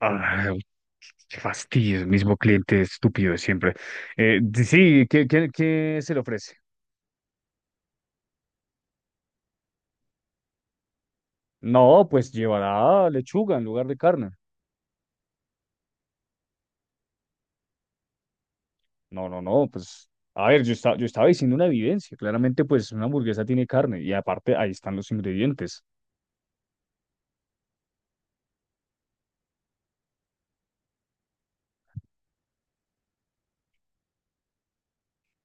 Ah, qué fastidio, el mismo cliente estúpido de siempre. Sí, qué se le ofrece? No, pues llevará lechuga en lugar de carne. No, no, no, pues, a ver, yo, yo estaba diciendo una evidencia. Claramente, pues, una hamburguesa tiene carne y aparte ahí están los ingredientes.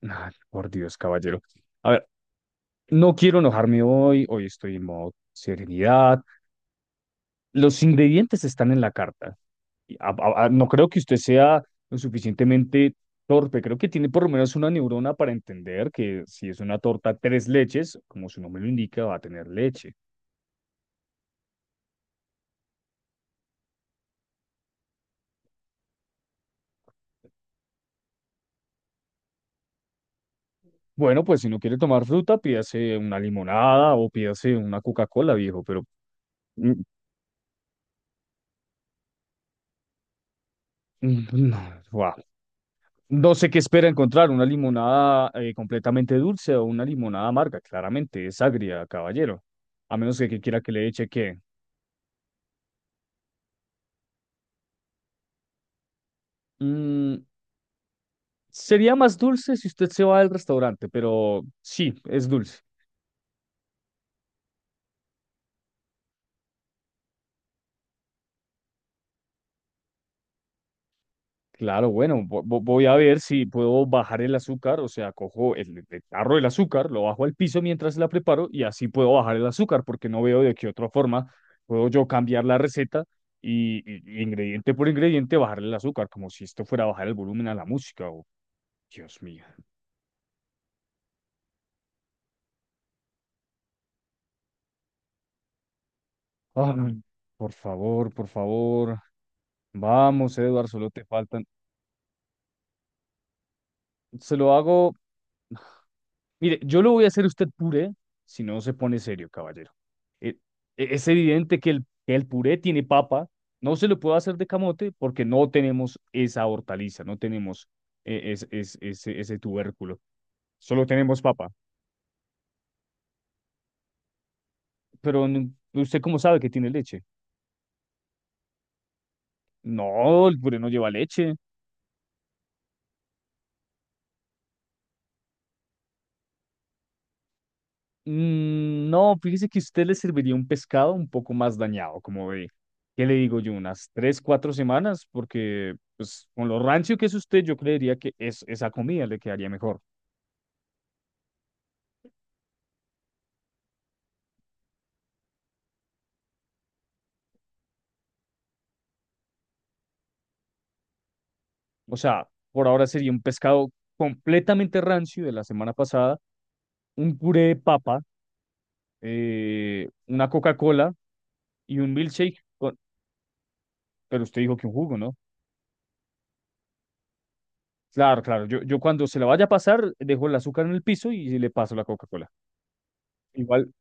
Ay, por Dios, caballero. A ver, no quiero enojarme hoy, hoy estoy en modo serenidad. Los ingredientes están en la carta. No creo que usted sea lo suficientemente torpe, creo que tiene por lo menos una neurona para entender que si es una torta tres leches, como su nombre lo indica, va a tener leche. Bueno, pues si no quiere tomar fruta, pídase una limonada o pídase una Coca-Cola, viejo, pero mm, mm, mm, no, guau. No sé qué espera encontrar, una limonada completamente dulce o una limonada amarga, claramente es agria, caballero, a menos que quiera que le eche que... Sería más dulce si usted se va del restaurante, pero sí, es dulce. Claro, bueno, voy a ver si puedo bajar el azúcar, o sea, cojo el tarro del azúcar, lo bajo al piso mientras la preparo y así puedo bajar el azúcar, porque no veo de qué otra forma puedo yo cambiar la receta y, y ingrediente por ingrediente bajarle el azúcar, como si esto fuera bajar el volumen a la música. Oh, Dios mío. Ay, por favor, por favor. Vamos, Eduardo, solo te faltan. Se lo hago. Mire, yo lo voy a hacer usted puré si no se pone serio, caballero. E- es evidente que que el puré tiene papa, no se lo puedo hacer de camote porque no tenemos esa hortaliza, no tenemos ese tubérculo, solo tenemos papa. Pero ¿usted cómo sabe que tiene leche? No, el puré no lleva leche. Mm, no, fíjese que a usted le serviría un pescado un poco más dañado, como ve. ¿Qué le digo yo? Unas tres, cuatro semanas, porque pues con lo rancio que es usted, yo creería que es, esa comida le quedaría mejor. O sea, por ahora sería un pescado completamente rancio de la semana pasada, un puré de papa, una Coca-Cola y un milkshake. Pero usted dijo que un jugo, ¿no? Claro, claro. Yo cuando se la vaya a pasar, dejo el azúcar en el piso y le paso la Coca-Cola. Igual,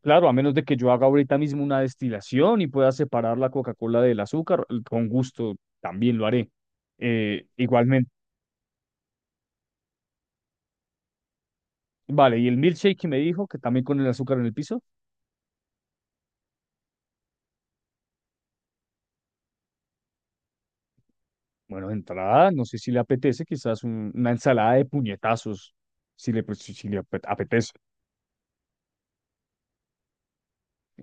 claro, a menos de que yo haga ahorita mismo una destilación y pueda separar la Coca-Cola del azúcar, con gusto también lo haré. Eh, igualmente, vale, y el milkshake que me dijo que también con el azúcar en el piso, bueno, de entrada, no sé si le apetece, quizás una ensalada de puñetazos, si le, pues, si le apetece.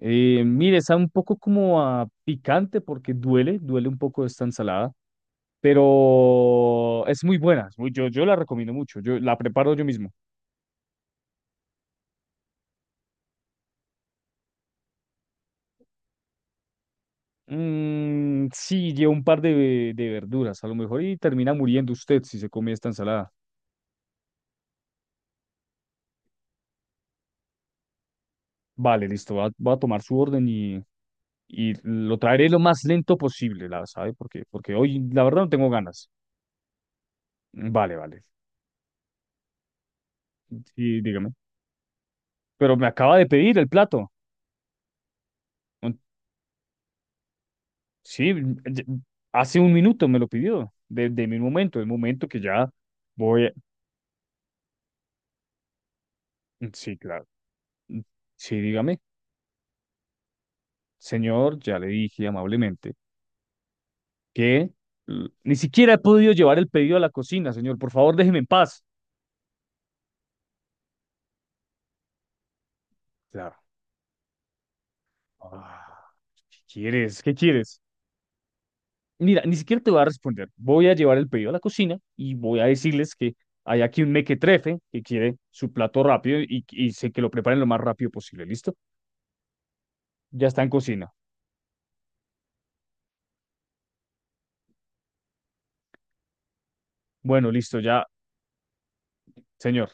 Mire, está un poco como a picante porque duele, duele un poco esta ensalada, pero es muy buena, yo, yo la recomiendo mucho, yo la preparo yo mismo. Mm, sí, lleva un par de verduras, a lo mejor, y termina muriendo usted si se come esta ensalada. Vale, listo, va, va a tomar su orden y lo traeré lo más lento posible, la sabe, porque hoy la verdad no tengo ganas. Mm, vale, vale. Sí, dígame. Pero me acaba de pedir el plato. Un- Sí, ya- hace un minuto me lo pidió, de mi momento, el momento que ya voy a... Mm, sí, claro. Mm, sí, dígame. Señor, ya le dije amablemente que ni siquiera he podido llevar el pedido a la cocina, señor. Por favor, déjeme en paz. Claro. Ah, ¿qué quieres? ¿Qué quieres? Mira, ni siquiera te voy a responder. Voy a llevar el pedido a la cocina y voy a decirles que hay aquí un mequetrefe que quiere su plato rápido y sé que lo preparen lo más rápido posible. ¿Listo? Ya está en cocina. Bueno, listo, ya, señor.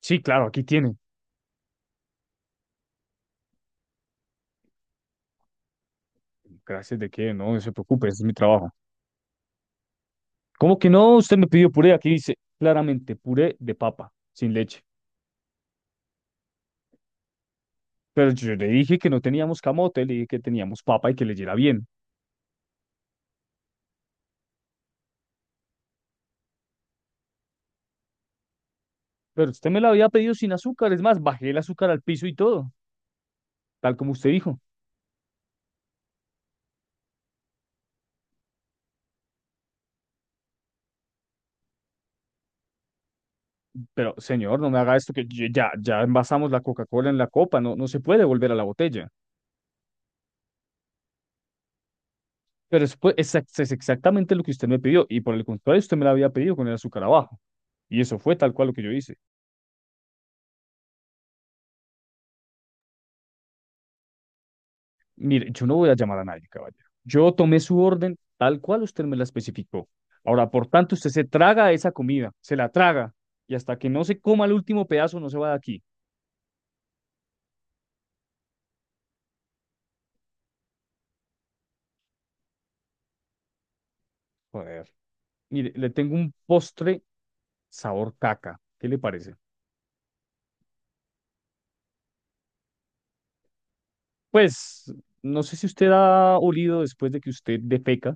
Sí, claro, aquí tiene. Gracias de que no se preocupe, ese es mi trabajo. ¿Cómo que no? Usted me pidió puré. Aquí dice claramente puré de papa, sin leche. Pero yo le dije que no teníamos camote, le dije que teníamos papa y que leyera bien. Pero usted me la había pedido sin azúcar, es más, bajé el azúcar al piso y todo, tal como usted dijo. Pero señor, no me haga esto ya, ya envasamos la Coca-Cola en la copa, no, no se puede volver a la botella. Pero es, pues, es exactamente lo que usted me pidió y por el contrario, usted me la había pedido con el azúcar abajo. Y eso fue tal cual lo que yo hice. Mire, yo no voy a llamar a nadie, caballero. Yo tomé su orden tal cual usted me la especificó. Ahora, por tanto, usted se traga esa comida, se la traga, y hasta que no se coma el último pedazo no se va de aquí. Joder. Mire, le tengo un postre sabor caca. ¿Qué le parece? Pues, no sé si usted ha olido después de que usted defeca,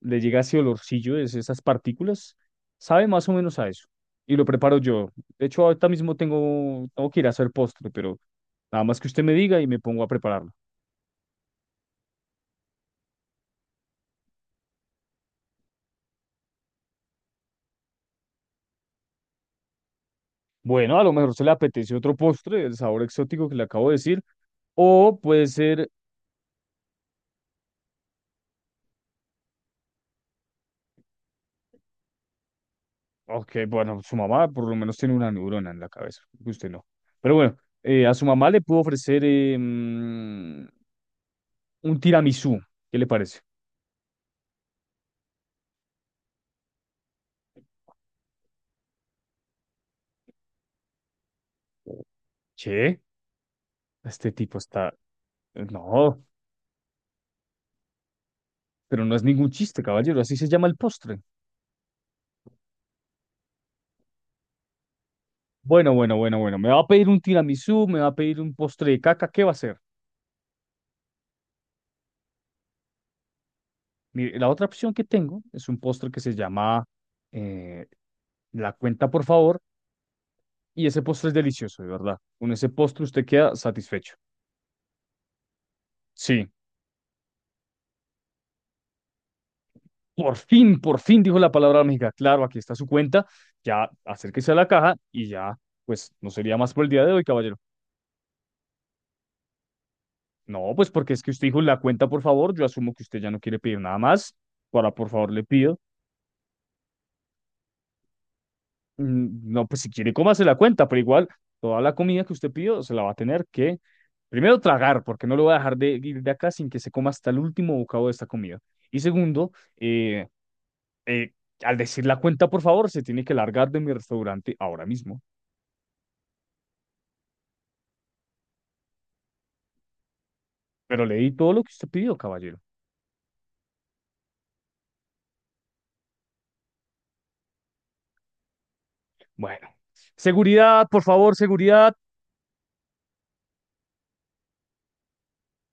le llega ese olorcillo, esas partículas. Sabe más o menos a eso. Y lo preparo yo. De hecho, ahorita mismo tengo, tengo que ir a hacer postre, pero nada más que usted me diga y me pongo a prepararlo. Bueno, a lo mejor se le apetece otro postre, el sabor exótico que le acabo de decir, o puede ser, ok, bueno, su mamá por lo menos tiene una neurona en la cabeza, que usted no. Pero bueno, a su mamá le puedo ofrecer un tiramisú, ¿qué le parece? Che, este tipo está... No, pero no es ningún chiste, caballero, así se llama el postre. Bueno, bueno, bueno, bueno, me va a pedir un tiramisú, me va a pedir un postre de caca, ¿qué va a hacer? Mire, la otra opción que tengo es un postre que se llama eh, la cuenta, por favor, y ese postre es delicioso, de verdad. Con ese postre usted queda satisfecho. Sí, por fin dijo la palabra mágica. Claro, aquí está su cuenta. Ya acérquese a la caja y ya, pues no sería más por el día de hoy, caballero. No, pues porque es que usted dijo la cuenta, por favor. Yo asumo que usted ya no quiere pedir nada más. Para, por favor, le pido. Mm, no, pues si quiere, cómase la cuenta, pero igual toda la comida que usted pidió se la va a tener que primero tragar, porque no lo voy a dejar de ir de acá sin que se coma hasta el último bocado de esta comida. Y segundo, eh, eh, al decir la cuenta, por favor, se tiene que largar de mi restaurante ahora mismo. Pero le di todo lo que usted pidió, caballero. Bueno, seguridad, por favor, seguridad.